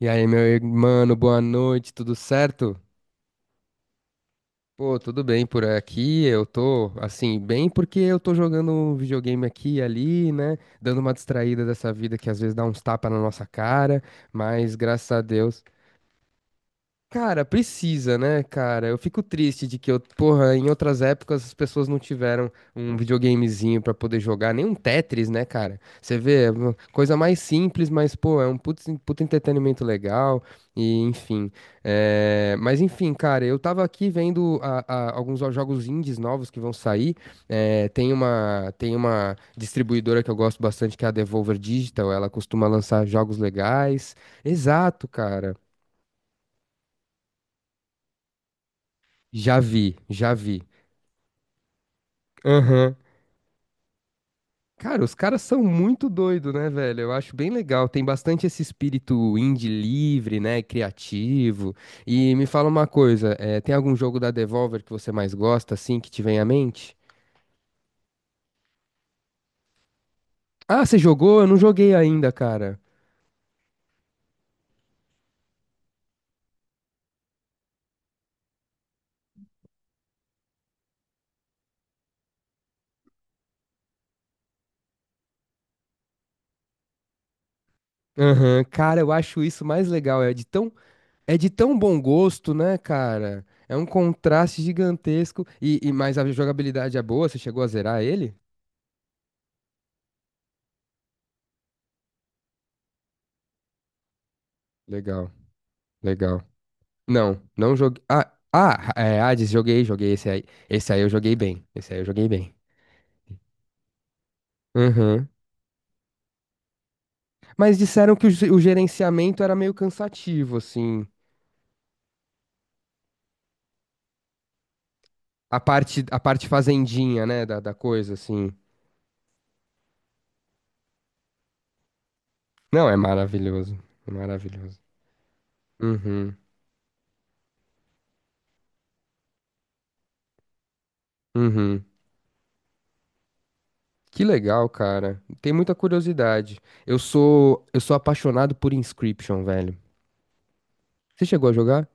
E aí, meu irmão, boa noite, tudo certo? Pô, tudo bem por aqui. Eu tô, assim, bem porque eu tô jogando um videogame aqui e ali, né? Dando uma distraída dessa vida que às vezes dá uns tapas na nossa cara, mas graças a Deus. Cara, precisa, né, cara? Eu fico triste de que porra, em outras épocas as pessoas não tiveram um videogamezinho pra poder jogar, nem um Tetris, né, cara? Você vê, é uma coisa mais simples, mas, pô, é um puto, puto entretenimento legal, e enfim. Mas enfim, cara, eu tava aqui vendo alguns jogos indies novos que vão sair. Tem uma distribuidora que eu gosto bastante, que é a Devolver Digital, ela costuma lançar jogos legais. Exato, cara. Já vi, já vi. Aham. Cara, os caras são muito doidos, né, velho? Eu acho bem legal. Tem bastante esse espírito indie livre, né? Criativo. E me fala uma coisa: tem algum jogo da Devolver que você mais gosta, assim, que te vem à mente? Ah, você jogou? Eu não joguei ainda, cara. Aham. Cara, eu acho isso mais legal. É de tão bom gosto, né, cara? É um contraste gigantesco. E mas a jogabilidade é boa? Você chegou a zerar ele? Legal, legal. Não, não joguei. Hades, joguei, joguei esse aí. Esse aí eu joguei bem. Esse aí eu joguei bem. Uhum. Mas disseram que o gerenciamento era meio cansativo, assim. A parte fazendinha, né, da, da coisa, assim. Não, é maravilhoso. É maravilhoso. Uhum, uhum. Que legal, cara. Tem muita curiosidade. Eu sou apaixonado por Inscription, velho. Você chegou a jogar?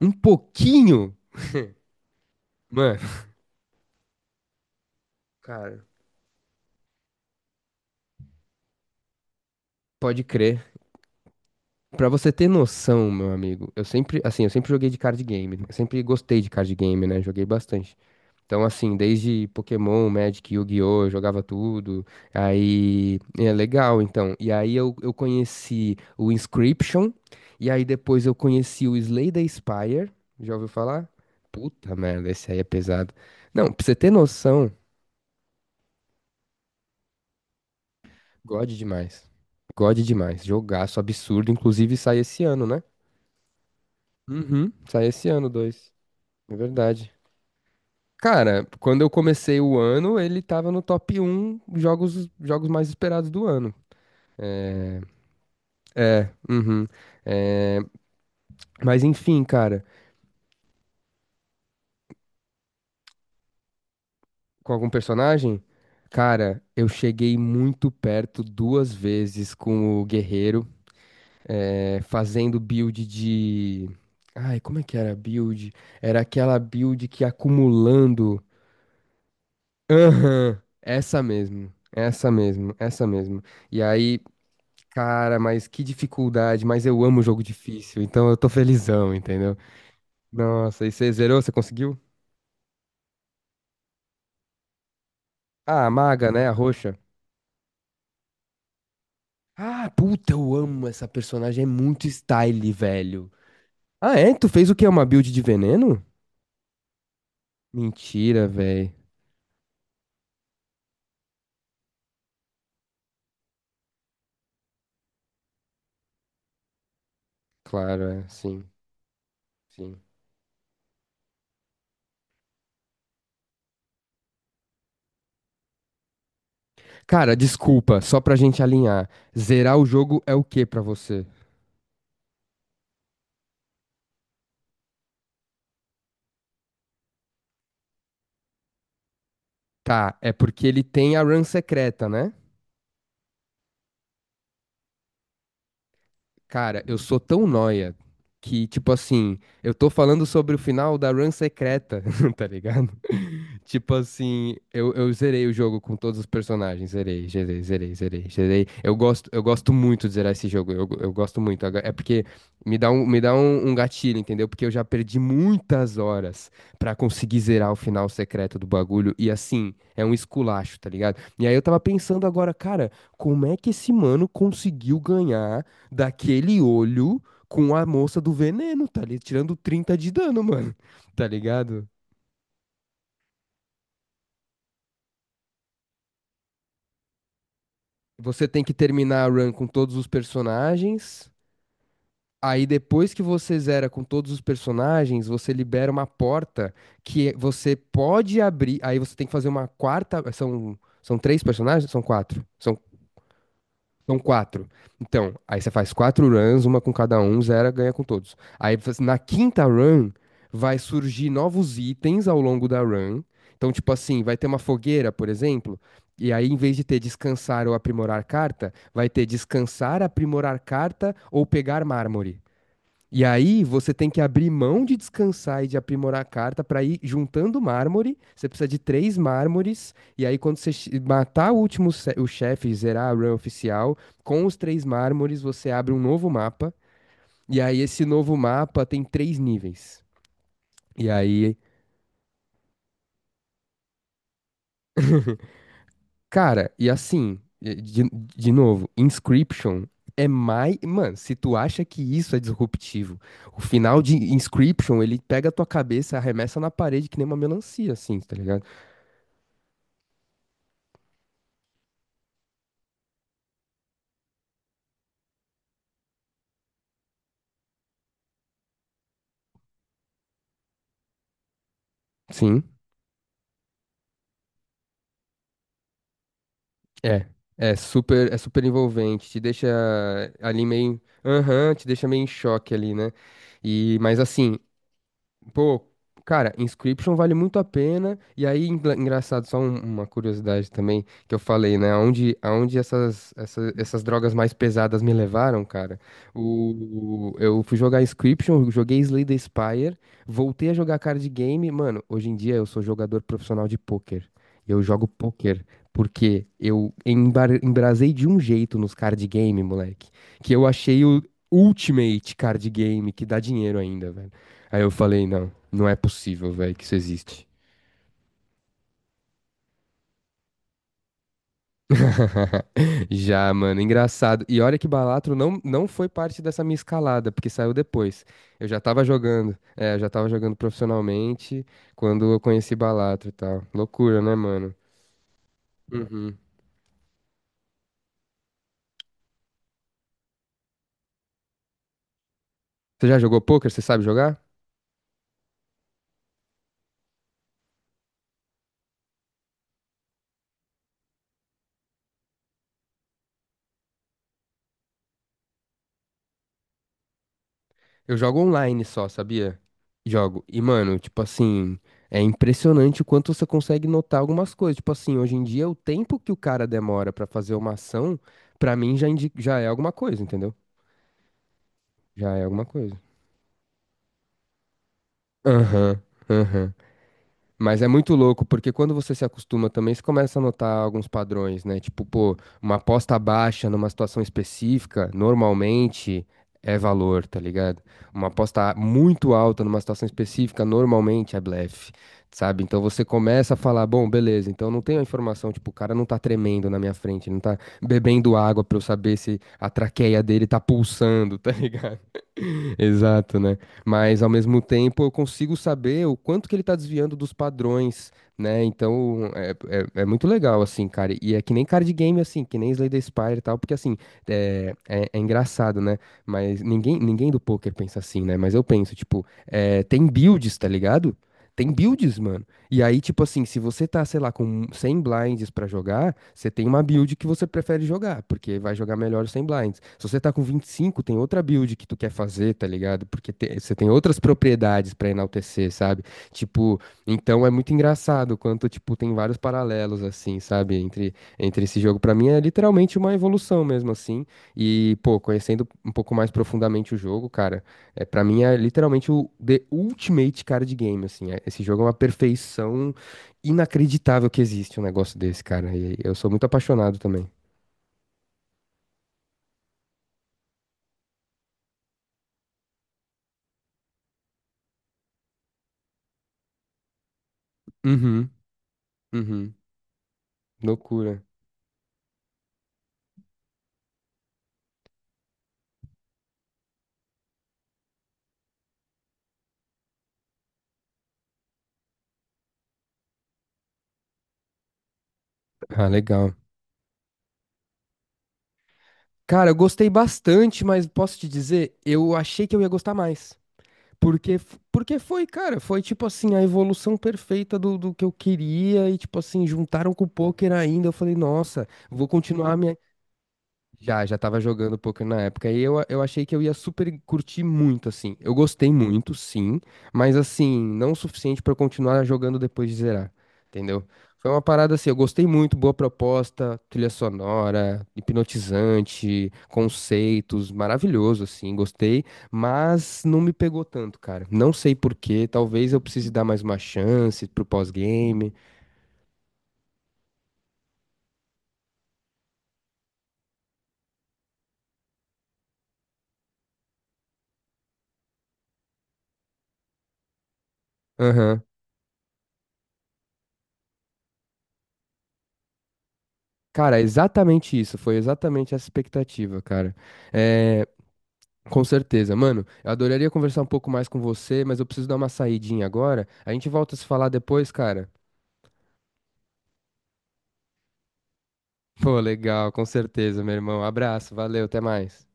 Um pouquinho? Mano. Cara, pode crer. Pra você ter noção, meu amigo, eu sempre, assim, eu sempre joguei de card game, né? Eu sempre gostei de card game, né? Joguei bastante. Então, assim, desde Pokémon, Magic, Yu-Gi-Oh, eu jogava tudo. Aí, é legal, então. E aí eu conheci o Inscription, e aí depois eu conheci o Slay the Spire. Já ouviu falar? Puta merda, esse aí é pesado. Não, pra você ter noção, God demais. God demais. Jogaço absurdo, inclusive sai esse ano, né? Uhum, sai esse ano, dois. É verdade. Cara, quando eu comecei o ano, ele tava no top um jogos, jogos mais esperados do ano. É, uhum. É, mas enfim, cara, com algum personagem? Cara, eu cheguei muito perto duas vezes com o Guerreiro, fazendo build de. Ai, como é que era a build? Era aquela build que ia acumulando. Aham, essa mesmo. Essa mesmo, essa mesmo. E aí. Cara, mas que dificuldade, mas eu amo jogo difícil, então eu tô felizão, entendeu? Nossa, e você zerou? Você conseguiu? Ah, a maga, né? A roxa. Ah, puta, eu amo essa personagem, é muito style, velho. Ah, é? Tu fez o quê? Uma build de veneno? Mentira, velho. Claro, é, sim, sim. Cara, desculpa, só pra gente alinhar. Zerar o jogo é o quê pra você? Tá, é porque ele tem a run secreta, né? Cara, eu sou tão nóia que, tipo assim, eu tô falando sobre o final da run secreta, tá ligado? Tipo assim, eu zerei o jogo com todos os personagens. Zerei, zerei, zerei, zerei, zerei. Eu gosto muito de zerar esse jogo. Eu gosto muito. É porque me dá um, um gatilho, entendeu? Porque eu já perdi muitas horas pra conseguir zerar o final secreto do bagulho. E assim, é um esculacho, tá ligado? E aí eu tava pensando agora, cara, como é que esse mano conseguiu ganhar daquele olho com a moça do veneno, tá ali tirando 30 de dano, mano? Tá ligado? Você tem que terminar a run com todos os personagens. Aí depois que você zera com todos os personagens, você libera uma porta que você pode abrir. Aí você tem que fazer uma quarta. São, são três personagens? São quatro. São quatro. Então, aí você faz quatro runs, uma com cada um, zera, ganha com todos. Aí você- na quinta run, vai surgir novos itens ao longo da run. Então, tipo assim, vai ter uma fogueira, por exemplo, e aí em vez de ter descansar ou aprimorar carta, vai ter descansar, aprimorar carta ou pegar mármore. E aí você tem que abrir mão de descansar e de aprimorar a carta para ir juntando mármore. Você precisa de três mármores. E aí, quando você matar o último o chefe, zerar a run oficial, com os três mármores você abre um novo mapa. E aí, esse novo mapa tem três níveis. E aí, cara, e assim, de novo, Inscription é mais. Mano, se tu acha que isso é disruptivo. O final de Inscription, ele pega a tua cabeça, arremessa na parede que nem uma melancia, assim, tá ligado? Sim, é. É super envolvente, te deixa ali meio, aham, te deixa meio em choque ali, né? E mas assim, pô, cara, Inscription vale muito a pena. E aí, engraçado, só uma curiosidade também que eu falei, né? Aonde, aonde essas, essas drogas mais pesadas me levaram, cara? Eu fui jogar Inscription, joguei Slay the Spire, voltei a jogar card game. Mano, hoje em dia eu sou jogador profissional de pôquer. Eu jogo pôquer porque eu embrasei de um jeito nos card game, moleque, que eu achei o Ultimate Card Game que dá dinheiro ainda, velho. Aí eu falei, não, não é possível, velho, que isso existe. Já, mano, engraçado. E olha que Balatro não, não foi parte dessa minha escalada, porque saiu depois. Eu já tava jogando profissionalmente quando eu conheci Balatro e tal. Loucura, né, mano? Uhum. Você já jogou poker? Você sabe jogar? Eu jogo online só, sabia? Jogo. E, mano, tipo assim, é impressionante o quanto você consegue notar algumas coisas. Tipo assim, hoje em dia, o tempo que o cara demora pra fazer uma ação, pra mim já, já é alguma coisa, entendeu? Já é alguma coisa. Aham, aham. Mas é muito louco, porque quando você se acostuma também, você começa a notar alguns padrões, né? Tipo, pô, uma aposta baixa numa situação específica, normalmente é valor, tá ligado? Uma aposta muito alta numa situação específica, normalmente é blefe, sabe? Então você começa a falar, bom, beleza, então eu não tenho a informação, tipo, o cara não tá tremendo na minha frente, ele não tá bebendo água pra eu saber se a traqueia dele tá pulsando, tá ligado? Exato, né? Mas ao mesmo tempo eu consigo saber o quanto que ele está desviando dos padrões, né? Então é muito legal, assim, cara. E é que nem card game, assim, que nem Slay the Spire e tal, porque, assim, é engraçado, né? Mas ninguém, ninguém do poker pensa assim, né? Mas eu penso, tipo, tem builds, tá ligado? Tem builds, mano. E aí, tipo assim, se você tá, sei lá, com 100 blinds pra jogar, você tem uma build que você prefere jogar, porque vai jogar melhor os 100 blinds. Se você tá com 25, tem outra build que tu quer fazer, tá ligado? Porque você tem outras propriedades pra enaltecer, sabe? Tipo, então é muito engraçado quanto, tipo, tem vários paralelos, assim, sabe? Entre, entre esse jogo. Pra mim é literalmente uma evolução mesmo, assim. E, pô, conhecendo um pouco mais profundamente o jogo, cara, é, para mim é literalmente o The Ultimate Card Game, assim. Esse jogo é uma perfeição inacreditável que existe um negócio desse, cara. E eu sou muito apaixonado também. Uhum, uhum. Loucura. Ah, legal. Cara, eu gostei bastante, mas posso te dizer, eu achei que eu ia gostar mais. Porque, porque foi, cara, foi tipo assim, a evolução perfeita do, do que eu queria e tipo assim, juntaram com o poker ainda. Eu falei, nossa, vou continuar minha. Já, já tava jogando poker na época. E eu achei que eu ia super curtir muito, assim. Eu gostei muito, sim, mas assim, não o suficiente pra eu continuar jogando depois de zerar. Entendeu? Foi uma parada assim, eu gostei muito, boa proposta, trilha sonora, hipnotizante, conceitos, maravilhoso, assim, gostei, mas não me pegou tanto, cara. Não sei por quê, talvez eu precise dar mais uma chance pro pós-game. Aham. Cara, é exatamente isso, foi exatamente essa expectativa, cara. É, com certeza, mano. Eu adoraria conversar um pouco mais com você, mas eu preciso dar uma saidinha agora. A gente volta a se falar depois, cara. Pô, legal, com certeza, meu irmão. Abraço, valeu, até mais.